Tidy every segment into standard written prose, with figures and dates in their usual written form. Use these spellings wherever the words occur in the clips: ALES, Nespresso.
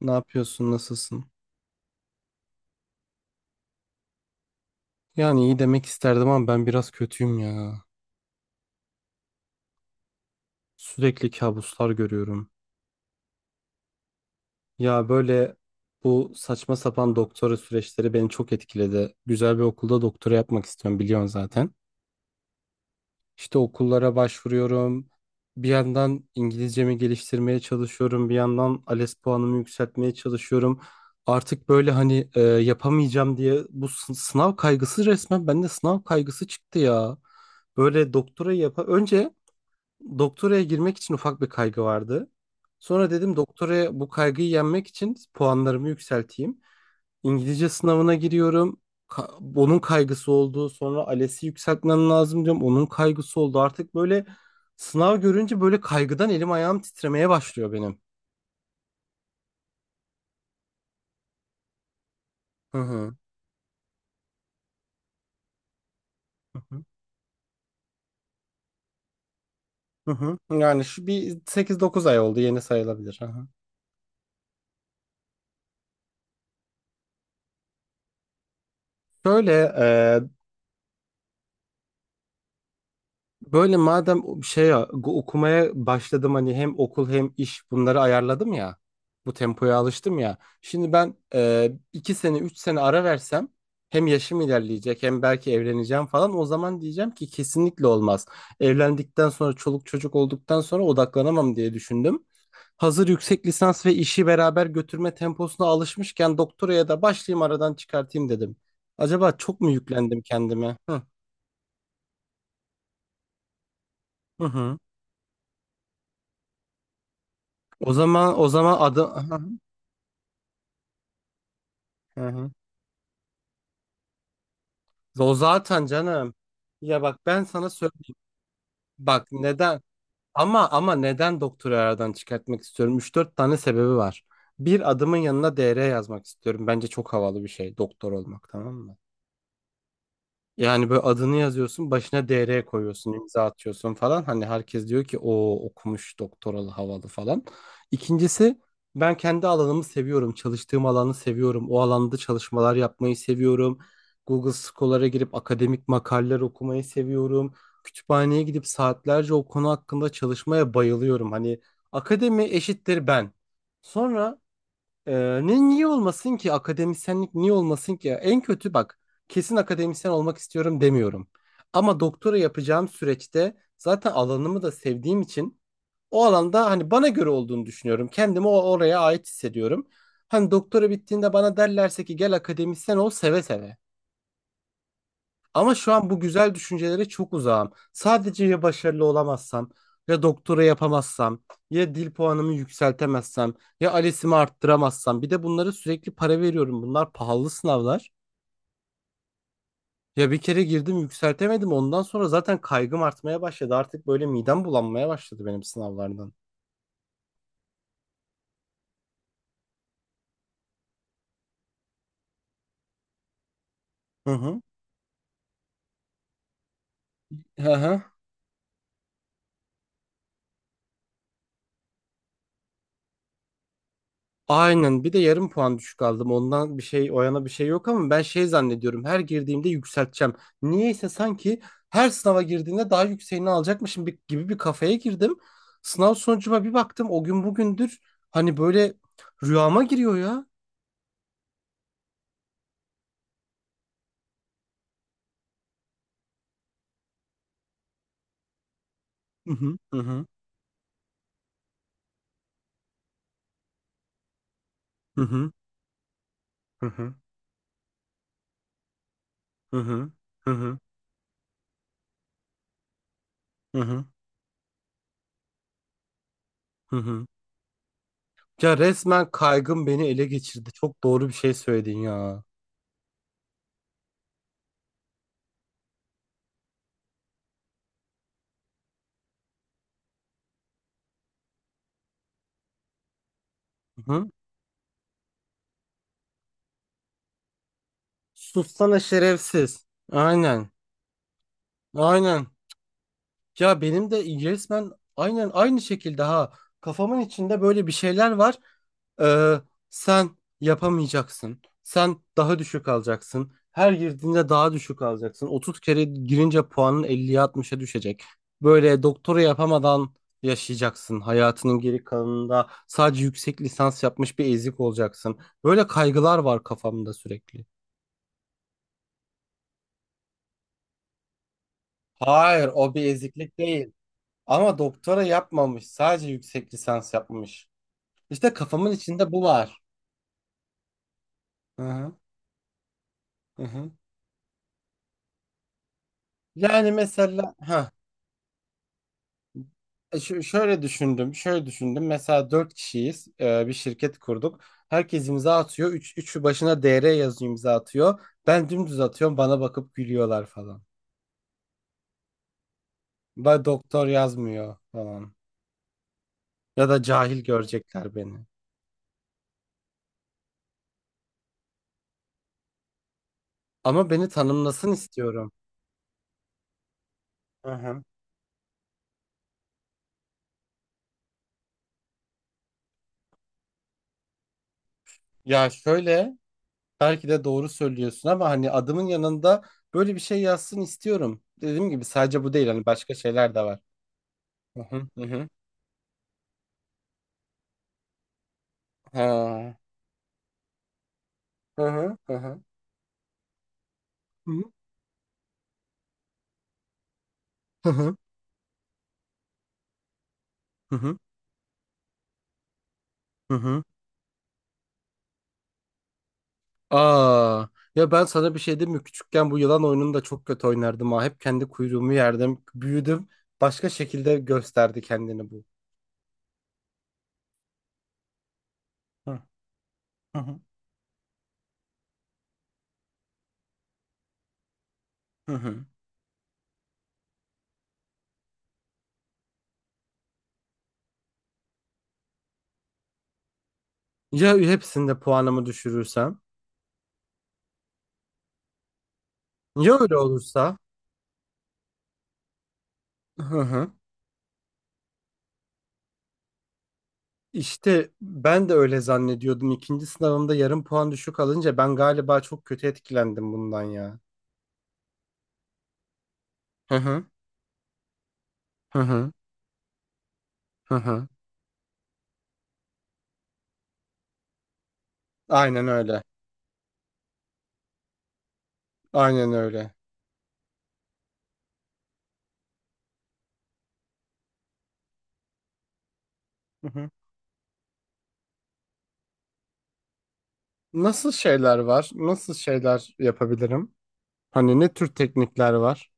Ne yapıyorsun? Nasılsın? Yani iyi demek isterdim ama ben biraz kötüyüm ya. Sürekli kabuslar görüyorum. Ya böyle bu saçma sapan doktora süreçleri beni çok etkiledi. Güzel bir okulda doktora yapmak istiyorum, biliyorsun zaten. İşte okullara başvuruyorum. Bir yandan İngilizcemi geliştirmeye çalışıyorum. Bir yandan ALES puanımı yükseltmeye çalışıyorum. Artık böyle hani yapamayacağım diye bu sınav kaygısı, resmen bende sınav kaygısı çıktı ya. Böyle doktora yapa önce. Doktoraya girmek için ufak bir kaygı vardı. Sonra dedim doktoraya bu kaygıyı yenmek için puanlarımı yükselteyim. İngilizce sınavına giriyorum. Onun kaygısı oldu. Sonra ALES'i yükseltmem lazım diyorum. Onun kaygısı oldu. Artık böyle sınav görünce böyle kaygıdan elim ayağım titremeye başlıyor benim. Hı hı. Hı hı. Hı hı. Yani şu bir 8-9 ay oldu, yeni sayılabilir. Hı hı. Şöyle. Böyle madem şey ya, okumaya başladım, hani hem okul hem iş bunları ayarladım ya. Bu tempoya alıştım ya. Şimdi ben 2 sene 3 sene ara versem, hem yaşım ilerleyecek hem belki evleneceğim falan. O zaman diyeceğim ki kesinlikle olmaz. Evlendikten sonra çoluk çocuk olduktan sonra odaklanamam diye düşündüm. Hazır yüksek lisans ve işi beraber götürme temposuna alışmışken doktoraya da başlayayım, aradan çıkartayım dedim. Acaba çok mu yüklendim kendime? Hı hı. Hı. O zaman adım. Aha, hı hı. O zaten canım. Ya bak, ben sana söyleyeyim. Bak, neden ama ama neden doktoru aradan çıkartmak istiyorum? Üç dört tane sebebi var. Bir, adımın yanına Dr. yazmak istiyorum. Bence çok havalı bir şey doktor olmak, tamam mı? Yani böyle adını yazıyorsun, başına Dr. koyuyorsun, imza atıyorsun falan. Hani herkes diyor ki o okumuş doktoralı havalı falan. İkincisi, ben kendi alanımı seviyorum. Çalıştığım alanı seviyorum. O alanda çalışmalar yapmayı seviyorum. Google Scholar'a girip akademik makaleler okumayı seviyorum. Kütüphaneye gidip saatlerce o konu hakkında çalışmaya bayılıyorum. Hani akademi eşittir ben. Sonra ee, niye olmasın ki, akademisyenlik niye olmasın ki? En kötü bak, kesin akademisyen olmak istiyorum demiyorum. Ama doktora yapacağım süreçte zaten alanımı da sevdiğim için o alanda hani bana göre olduğunu düşünüyorum. Kendimi oraya ait hissediyorum. Hani doktora bittiğinde bana derlerse ki gel akademisyen ol, seve seve. Ama şu an bu güzel düşüncelere çok uzağım. Sadece ya başarılı olamazsam, ya doktora yapamazsam, ya dil puanımı yükseltemezsem, ya ALES'imi arttıramazsam. Bir de bunlara sürekli para veriyorum. Bunlar pahalı sınavlar. Ya bir kere girdim, yükseltemedim. Ondan sonra zaten kaygım artmaya başladı. Artık böyle midem bulanmaya başladı benim sınavlardan. Hı hı. Hı hı. Aynen, bir de yarım puan düşük aldım. Ondan bir şey o yana bir şey yok ama ben şey zannediyorum. Her girdiğimde yükselteceğim. Niyeyse sanki her sınava girdiğinde daha yükseğini alacakmışım gibi bir kafaya girdim. Sınav sonucuma bir baktım, o gün bugündür hani böyle rüyama giriyor ya. Hı hı, hı hı, hı hı, hı hı, hı hı, hı hı, hı hı, hı hı. Ya resmen kaygım beni ele geçirdi. Çok doğru bir şey söyledin ya. Hı hı. Sussana şerefsiz. Aynen. Aynen. Ya benim de resmen aynen aynı şekilde, ha, kafamın içinde böyle bir şeyler var. Ee, sen yapamayacaksın. Sen daha düşük alacaksın. Her girdiğinde daha düşük alacaksın. 30 kere girince puanın 50'ye 60'a düşecek. Böyle doktora yapamadan yaşayacaksın. Hayatının geri kalanında sadece yüksek lisans yapmış bir ezik olacaksın. Böyle kaygılar var kafamda sürekli. Hayır, o bir eziklik değil. Ama doktora yapmamış, sadece yüksek lisans yapmış. İşte kafamın içinde bu var. Hı hı. Hı hı. Yani mesela ha, şöyle düşündüm, şöyle düşündüm. Mesela dört kişiyiz, bir şirket kurduk. Herkes imza atıyor. Üçü başına Dr. yazıyor, imza atıyor. Ben dümdüz atıyorum, bana bakıp gülüyorlar falan. Ben doktor yazmıyor falan. Ya da cahil görecekler beni. Ama beni tanımlasın istiyorum. Hı hı. Ya şöyle, belki de doğru söylüyorsun ama hani adımın yanında böyle bir şey yazsın istiyorum. Dediğim gibi sadece bu değil, hani başka şeyler de var. Hı hı, hı hı. Ha. Hı hı, hı hı. Hı hı, hı hı. Hı hı. Aa, ya ben sana bir şey diyeyim mi? Küçükken bu yılan oyununu da çok kötü oynardım ha. Hep kendi kuyruğumu yerdim. Büyüdüm. Başka şekilde gösterdi kendini bu. Hı hı, hı. Hı. Ya hepsinde puanımı düşürürsem? Ya öyle olursa? Hı hı. İşte ben de öyle zannediyordum. İkinci sınavımda yarım puan düşük alınca ben galiba çok kötü etkilendim bundan ya. Hı hı, hı hı, hı hı. Aynen öyle. Aynen öyle. Hı hı. Nasıl şeyler var? Nasıl şeyler yapabilirim? Hani ne tür teknikler var?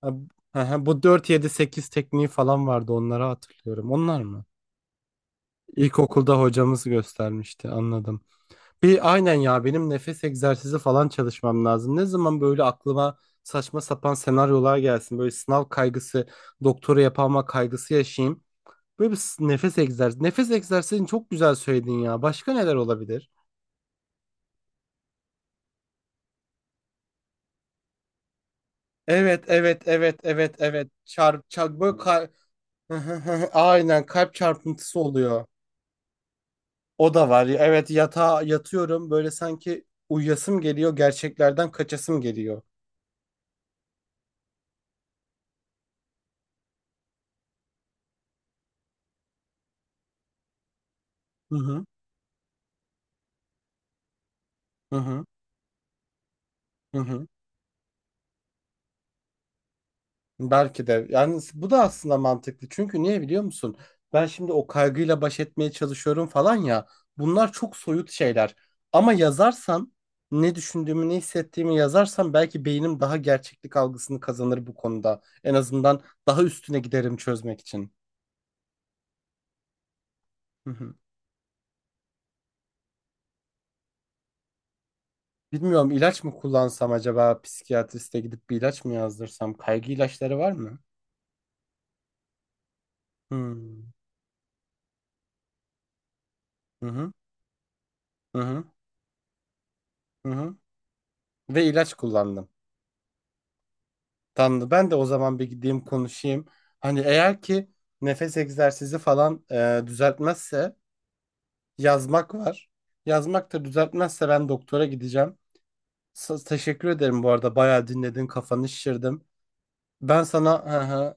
Ha, hı hı. Bu 4-7-8 tekniği falan vardı, onları hatırlıyorum. Onlar mı? İlkokulda hocamız göstermişti, anladım. Bir aynen ya, benim nefes egzersizi falan çalışmam lazım. Ne zaman böyle aklıma saçma sapan senaryolar gelsin. Böyle sınav kaygısı, doktora yapama kaygısı yaşayayım. Böyle bir nefes egzersizi. Nefes egzersizini çok güzel söyledin ya. Başka neler olabilir? Evet, evet, evet, evet, evet. Çarp, çarp, böyle Aynen, kalp çarpıntısı oluyor. O da var. Evet, yatağa yatıyorum. Böyle sanki uyuyasım geliyor. Gerçeklerden kaçasım geliyor. Hı hı, hı hı, hı hı. Belki de. Yani bu da aslında mantıklı. Çünkü niye biliyor musun? Ben şimdi o kaygıyla baş etmeye çalışıyorum falan ya. Bunlar çok soyut şeyler. Ama yazarsam ne düşündüğümü, ne hissettiğimi yazarsam belki beynim daha gerçeklik algısını kazanır bu konuda. En azından daha üstüne giderim çözmek için. Hı hı. Bilmiyorum, ilaç mı kullansam? Acaba psikiyatriste gidip bir ilaç mı yazdırsam? Kaygı ilaçları var mı? Hmm. Hı hı. Hı hı. Hı hı. Ve ilaç kullandım. Tamam, ben de o zaman bir gideyim konuşayım. Hani eğer ki nefes egzersizi falan düzeltmezse, yazmak var. Yazmak da düzeltmezse ben doktora gideceğim. Teşekkür ederim, bu arada bayağı dinledin, kafanı şişirdim. Ben sana hı hı,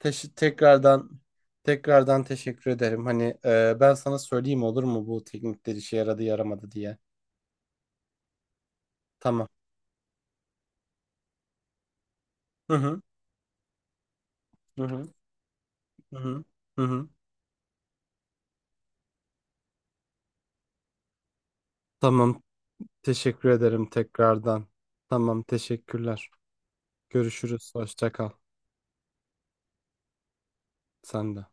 teş- tekrardan tekrardan teşekkür ederim. Hani ben sana söyleyeyim olur mu, bu teknikler işe yaradı yaramadı diye. Tamam. Hı hı. Hı hı. Hı hı. Hı hı. Tamam. Teşekkür ederim tekrardan. Tamam, teşekkürler. Görüşürüz. Hoşça kal. Sen de.